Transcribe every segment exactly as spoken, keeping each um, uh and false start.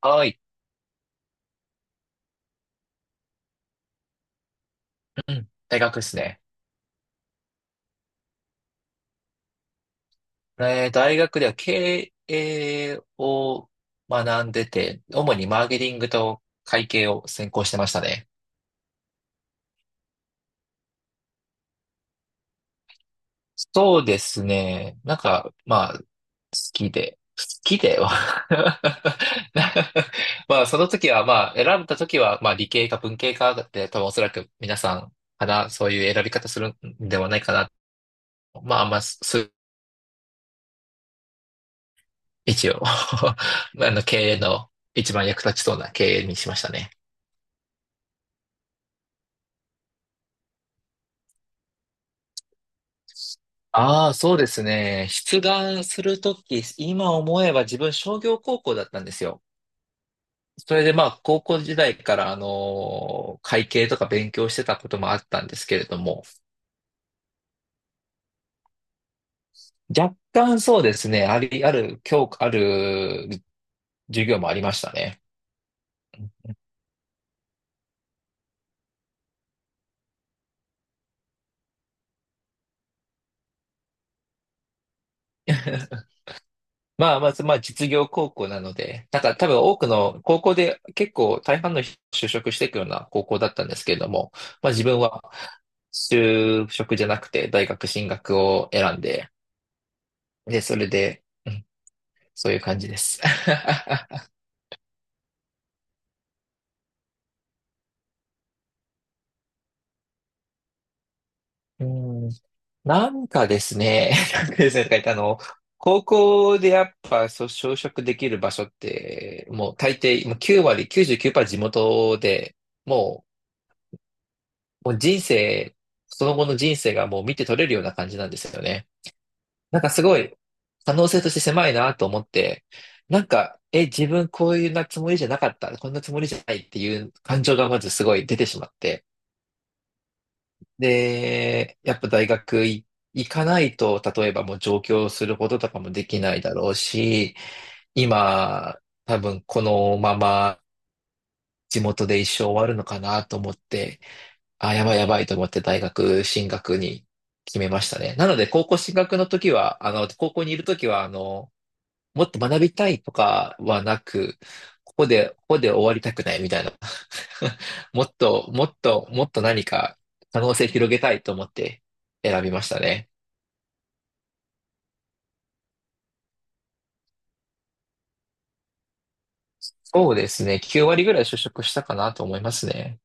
はい。うん。大学ですね。えー大学では経営を学んでて、主にマーケティングと会計を専攻してましたね。そうですね。なんか、まあ、好きで。好きでは まあ、その時は、まあ、選んだ時は、まあ、理系か文系かで、多分おそらく皆さんかな、そういう選び方するんではないかな。まあ、あんま、す一応 あの、経営の一番役立ちそうな経営にしましたね。ああ、そうですね。出願するとき、今思えば自分商業高校だったんですよ。それでまあ、高校時代から、あの会計とか勉強してたこともあったんですけれども、若干そうですね、あり、ある、教科、ある授業もありましたね。まあ、まず、まあ、実業高校なので、なんか多分多くの高校で結構大半の人就職していくような高校だったんですけれども、まあ自分は就職じゃなくて大学進学を選んで、で、それで、うんそういう感じです。うん、なんかですね、なんかですね、とか言ってあの、高校でやっぱ、そう、就職できる場所って、もう大抵、もうきゅう割、きゅうじゅうきゅうパーセント地元で、もうもう人生、その後の人生がもう見て取れるような感じなんですよね。なんかすごい可能性として狭いなと思って、なんか、え、自分こういうなつもりじゃなかった、こんなつもりじゃないっていう感情がまずすごい出てしまって。で、やっぱ大学い行かないと、例えばもう上京することとかもできないだろうし、今、多分このまま地元で一生終わるのかなと思って、あ、やばいやばいと思って大学進学に決めましたね。なので、高校進学の時は、あの、高校にいる時は、あの、もっと学びたいとかはなく、ここで、ここで終わりたくないみたいな。もっと、もっと、もっと何か可能性広げたいと思って選びましたね。そうですね。きゅう割ぐらい就職したかなと思いますね。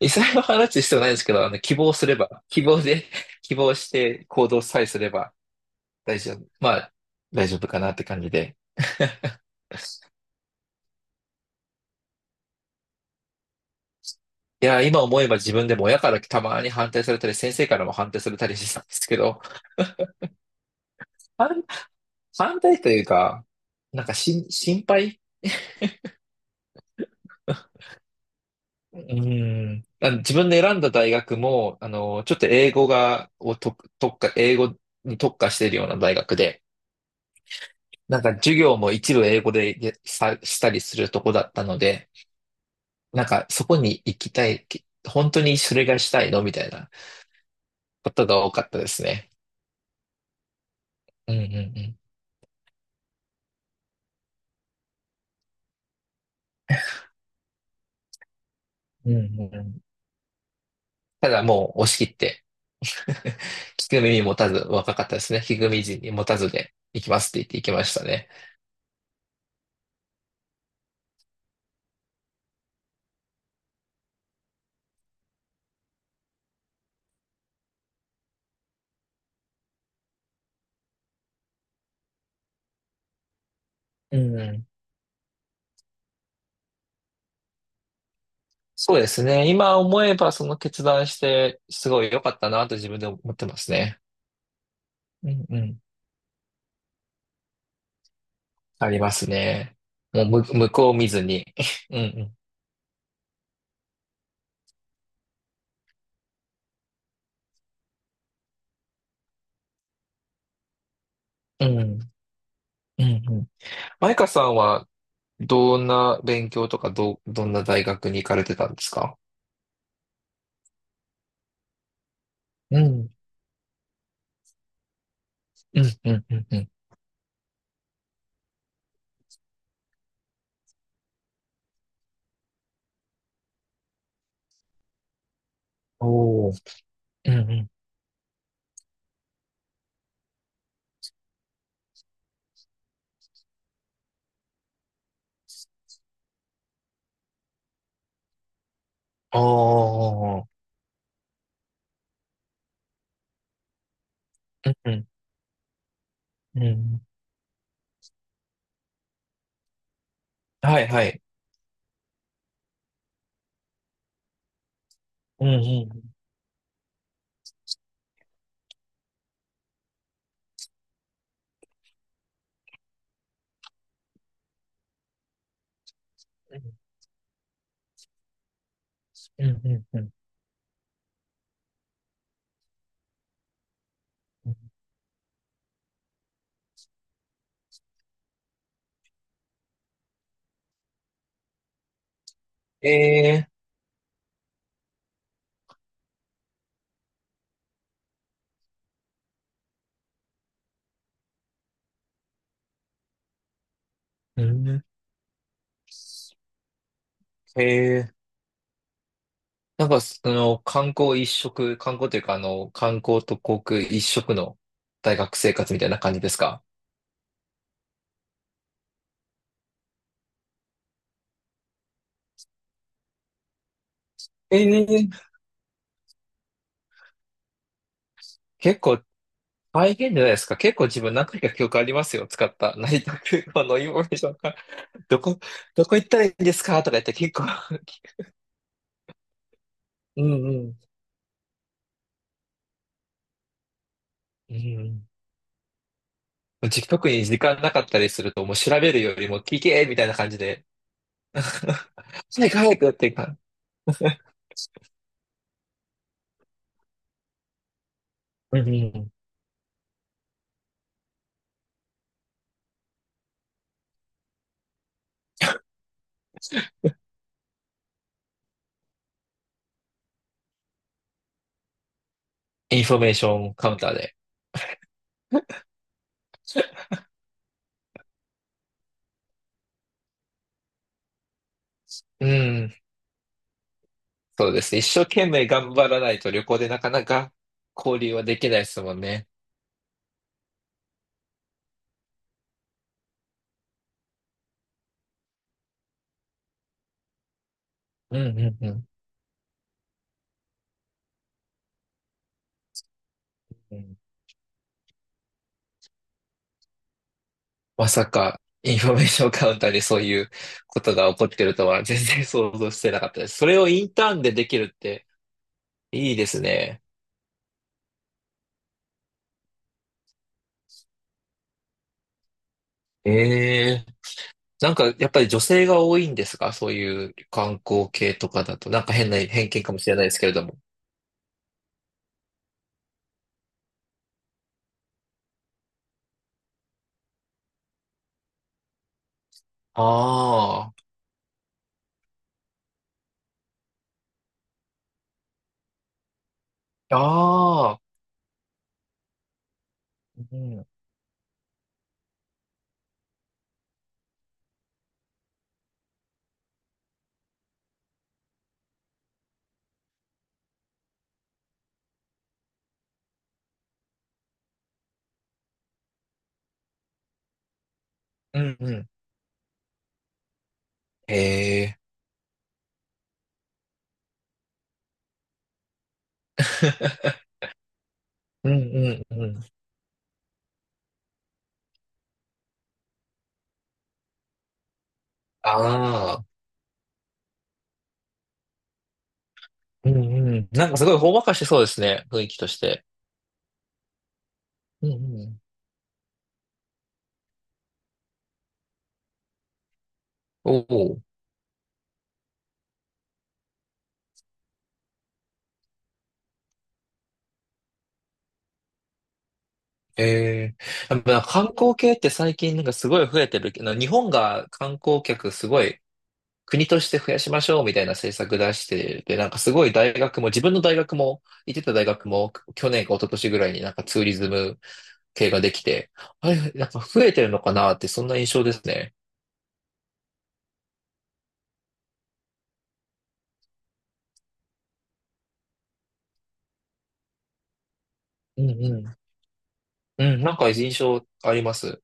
実際は話す必要ないんですけど、あの、希望すれば、希望で、希望して行動さえすれば、大丈夫。まあ、大丈夫かなって感じで。いや、今思えば自分でも親からたまに反対されたり、先生からも反対されたりしてたんですけど、反反対というか、なんかし、心配うーん。あの自分で選んだ大学も、あの、ちょっと英語が、をと、特化、英語に特化しているような大学で、なんか授業も一部英語でやさ、したりするとこだったので、なんかそこに行きたい、本当にそれがしたいのみたいなことが多かったですね。うんうんうん。うんうんうん。ただもう押し切って、聞く耳持たず、若かったですね。聞く耳に持たずで行きますって言って行きましたね。うんうん。そうですね。今思えばその決断して、すごい良かったなと自分で思ってますね。うんうん。ありますね。もう向、向こう見ずに。うんうん。うんうん。うんうん。マイカさんはどんな勉強とかど、どんな大学に行かれてたんですか？うん。うんうんうんうん。おお。うんうんああ、うん、うん、うん。はい、はい。うん、うん、うん、うん、うん。うんええうん、ええなんか、その、観光一色、観光というか、あの、観光と航空一色の大学生活みたいな感じですか？ええ、結構大変じゃないですか？結構自分何回か記憶ありますよ。使った 成田空港のインフォメーションが。どこ、どこ行ったらいいんですかとか言って結構 うんうん。うんじ特に時間なかったりすると、もう調べるよりも聞けみたいな感じで、早く早くっていくか。うんうん。インフォメーションカウンターで。うん。そうですね。一生懸命頑張らないと旅行でなかなか交流はできないですもんね。うんうんうん。うんまさか、インフォメーションカウンターでそういうことが起こってるとは全然想像してなかったです。それをインターンでできるっていいですね。ええなんか、やっぱり女性が多いんですか？そういう観光系とかだと。なんか変な偏見かもしれないですけれども。ああ、ああ、うん、うん、うん。へえ。うん、うん、うん。ああ、うん、うん。なんかすごいほんわかしてそうですね。雰囲気として。うん、うん。おお。ええやっぱ観光系って最近なんかすごい増えてるけど、日本が観光客すごい国として増やしましょうみたいな政策出して、で、なんかすごい大学も、自分の大学も、行ってた大学も、去年か一昨年ぐらいになんかツーリズム系ができて、あれ、なんか増えてるのかなって、そんな印象ですね。うんうん。うん、なんか印象あります。